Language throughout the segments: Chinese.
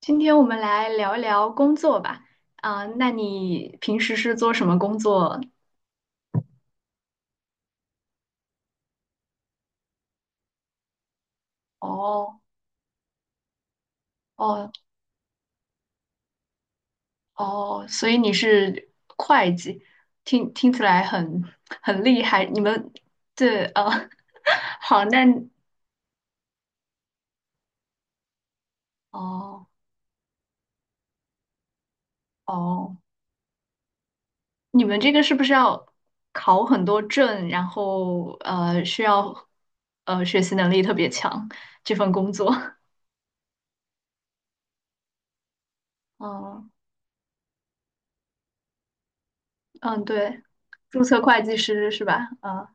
今天我们来聊一聊工作吧。啊、那你平时是做什么工作？哦哦哦，所以你是会计，听起来很厉害。你们这好，那哦哦，你们这个是不是要考很多证，然后需要学习能力特别强这份工作？嗯嗯，对，注册会计师是吧？嗯。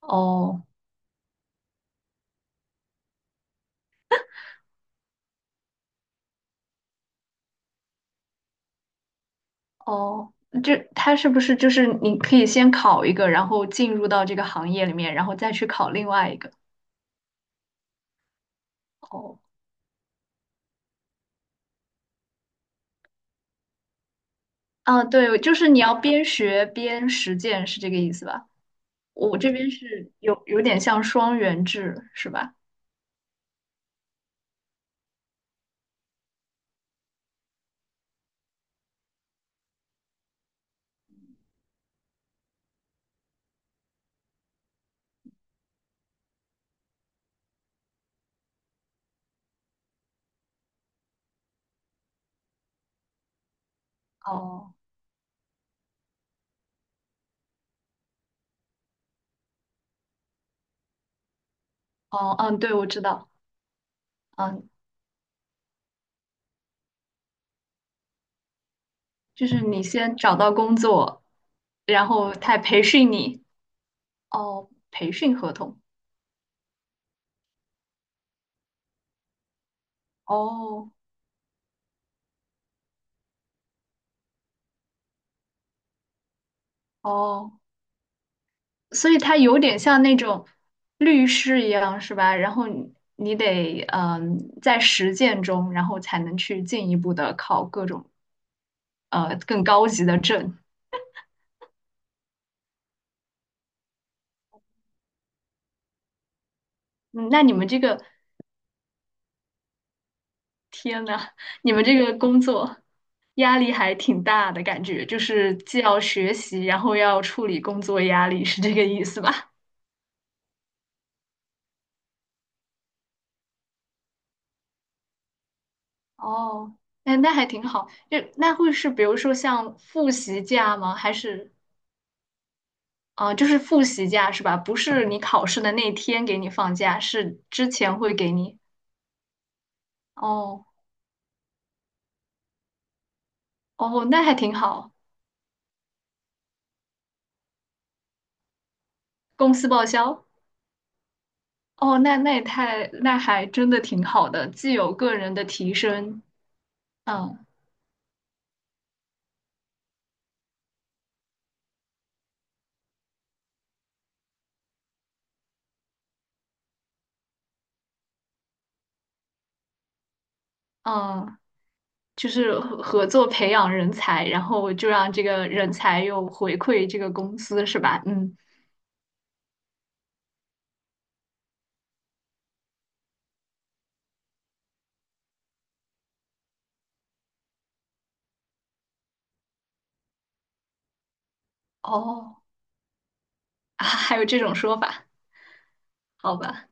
哦哦，就他是不是就是你可以先考一个，然后进入到这个行业里面，然后再去考另外一个？哦，啊，对，就是你要边学边实践，是这个意思吧？我这边是有点像双元制，是吧？哦，哦，嗯，对，我知道，嗯，就是你先找到工作，然后他培训你，哦，培训合同，哦，哦所以它有点像那种律师一样，是吧？然后你你得嗯，在实践中，然后才能去进一步的考各种呃更高级的证。嗯，那你们这个，天呐，你们这个工作压力还挺大的感觉，就是既要学习，然后要处理工作压力，是这个意思吧？哦，哎，那还挺好。就那会是比如说像复习假吗？还是？啊，就是复习假是吧？不是你考试的那天给你放假，是之前会给你。哦哦，那还挺好，公司报销。哦，那那也太，那还真的挺好的，既有个人的提升，嗯嗯，就是合作培养人才，然后就让这个人才又回馈这个公司是吧？嗯，哦啊 还有这种说法，好吧。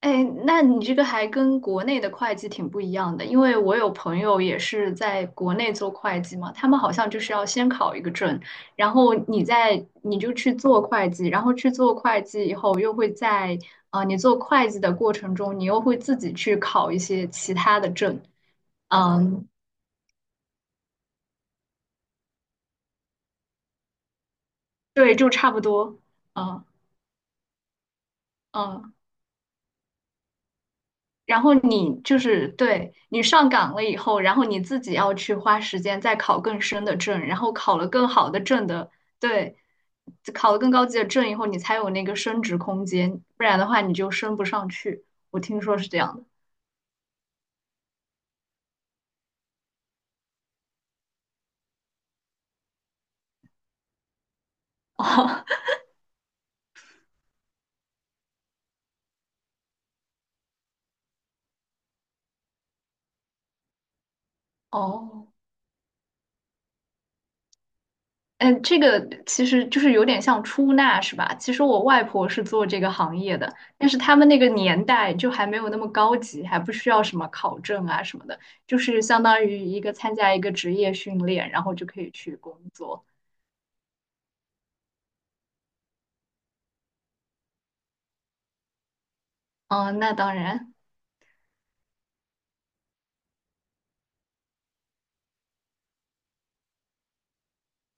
哎，那你这个还跟国内的会计挺不一样的，因为我有朋友也是在国内做会计嘛，他们好像就是要先考一个证，然后你再你就去做会计，然后去做会计以后又会在啊、你做会计的过程中，你又会自己去考一些其他的证，嗯，对，就差不多，嗯嗯。然后你就是对你上岗了以后，然后你自己要去花时间再考更深的证，然后考了更好的证的，对，考了更高级的证以后，你才有那个升职空间，不然的话你就升不上去。我听说是这样的。哦哦，嗯，这个其实就是有点像出纳是吧？其实我外婆是做这个行业的，但是他们那个年代就还没有那么高级，还不需要什么考证啊什么的，就是相当于一个参加一个职业训练，然后就可以去工作。嗯，那当然。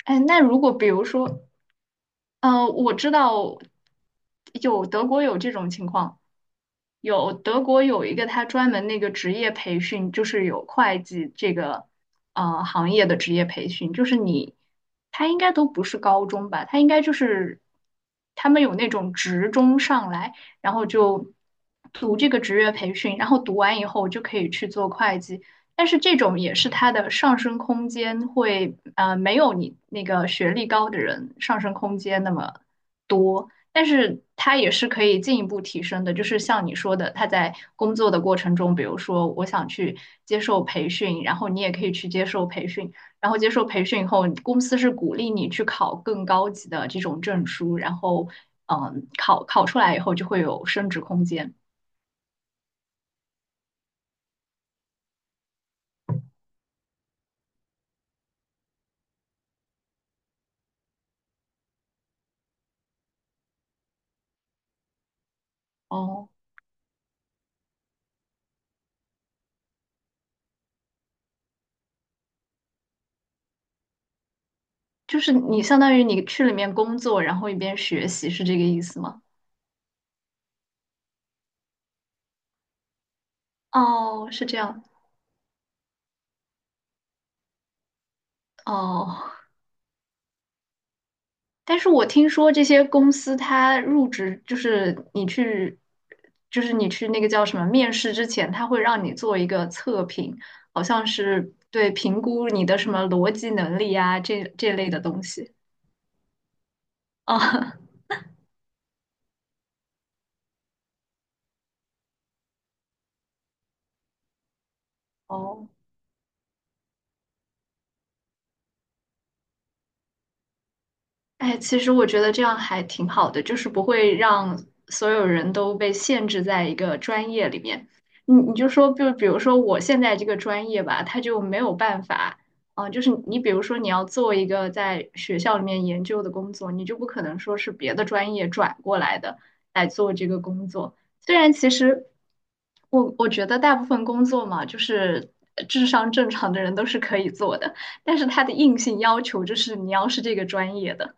哎，那如果比如说，呃，我知道有德国有这种情况，有德国有一个他专门那个职业培训，就是有会计这个呃行业的职业培训，就是你他应该都不是高中吧，他应该就是他们有那种职中上来，然后就读这个职业培训，然后读完以后就可以去做会计，但是这种也是他的上升空间会没有你那个学历高的人上升空间那么。多，但是它也是可以进一步提升的。就是像你说的，他在工作的过程中，比如说我想去接受培训，然后你也可以去接受培训，然后接受培训以后，公司是鼓励你去考更高级的这种证书，然后嗯，考出来以后就会有升值空间。哦，就是你相当于你去里面工作，然后一边学习，是这个意思吗？哦，是这样。哦，但是我听说这些公司，它入职就是你去，就是你去那个叫什么面试之前，它会让你做一个测评，好像是对评估你的什么逻辑能力啊，这这类的东西。啊，哦，哎，其实我觉得这样还挺好的，就是不会让所有人都被限制在一个专业里面。你你就说，就比如说我现在这个专业吧，它就没有办法，啊、就是你比如说你要做一个在学校里面研究的工作，你就不可能说是别的专业转过来的来做这个工作。虽然其实我我觉得大部分工作嘛，就是智商正常的人都是可以做的，但是它的硬性要求就是你要是这个专业的。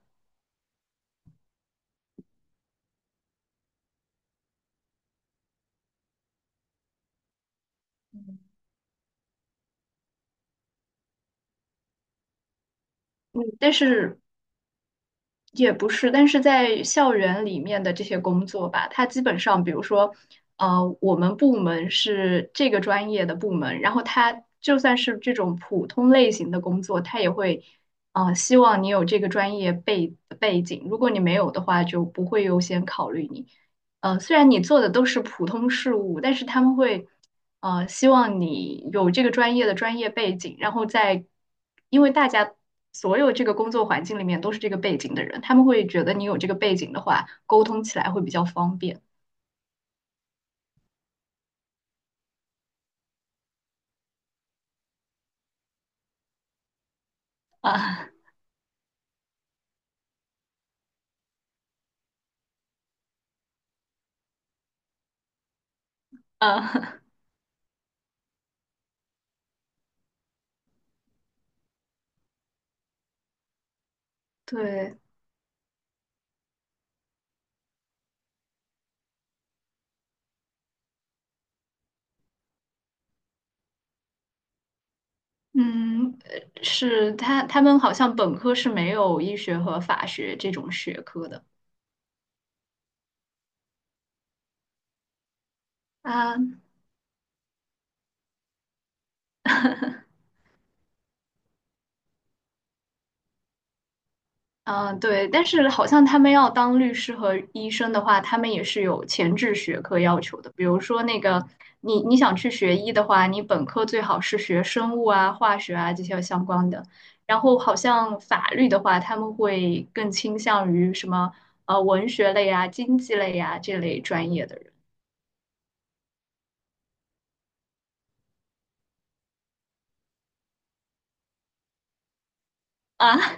嗯，但是也不是，但是在校园里面的这些工作吧，它基本上，比如说，呃，我们部门是这个专业的部门，然后它就算是这种普通类型的工作，它也会，呃，希望你有这个专业背景，如果你没有的话，就不会优先考虑你。呃，虽然你做的都是普通事务，但是他们会。呃，希望你有这个专业的专业背景，然后在，因为大家所有这个工作环境里面都是这个背景的人，他们会觉得你有这个背景的话，沟通起来会比较方便啊啊，对，嗯，是他他们好像本科是没有医学和法学这种学科的啊，嗯，对，但是好像他们要当律师和医生的话，他们也是有前置学科要求的。比如说那个，你你想去学医的话，你本科最好是学生物啊、化学啊这些相关的。然后好像法律的话，他们会更倾向于什么文学类啊、经济类啊这类专业的人啊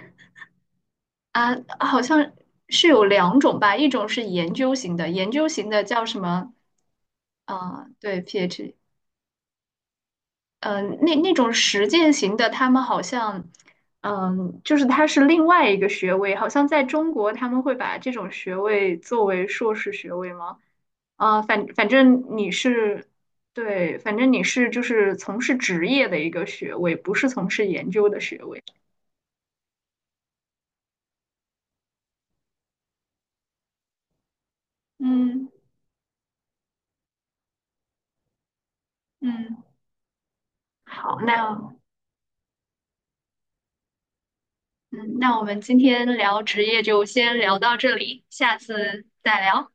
啊，好像是有两种吧，一种是研究型的，研究型的叫什么？啊、对，PhD。嗯，那那种实践型的，他们好像，嗯，就是它是另外一个学位，好像在中国他们会把这种学位作为硕士学位吗？反正你是，对，反正你是就是从事职业的一个学位，不是从事研究的学位。嗯嗯，好，那嗯，那我们今天聊职业就先聊到这里，下次再聊。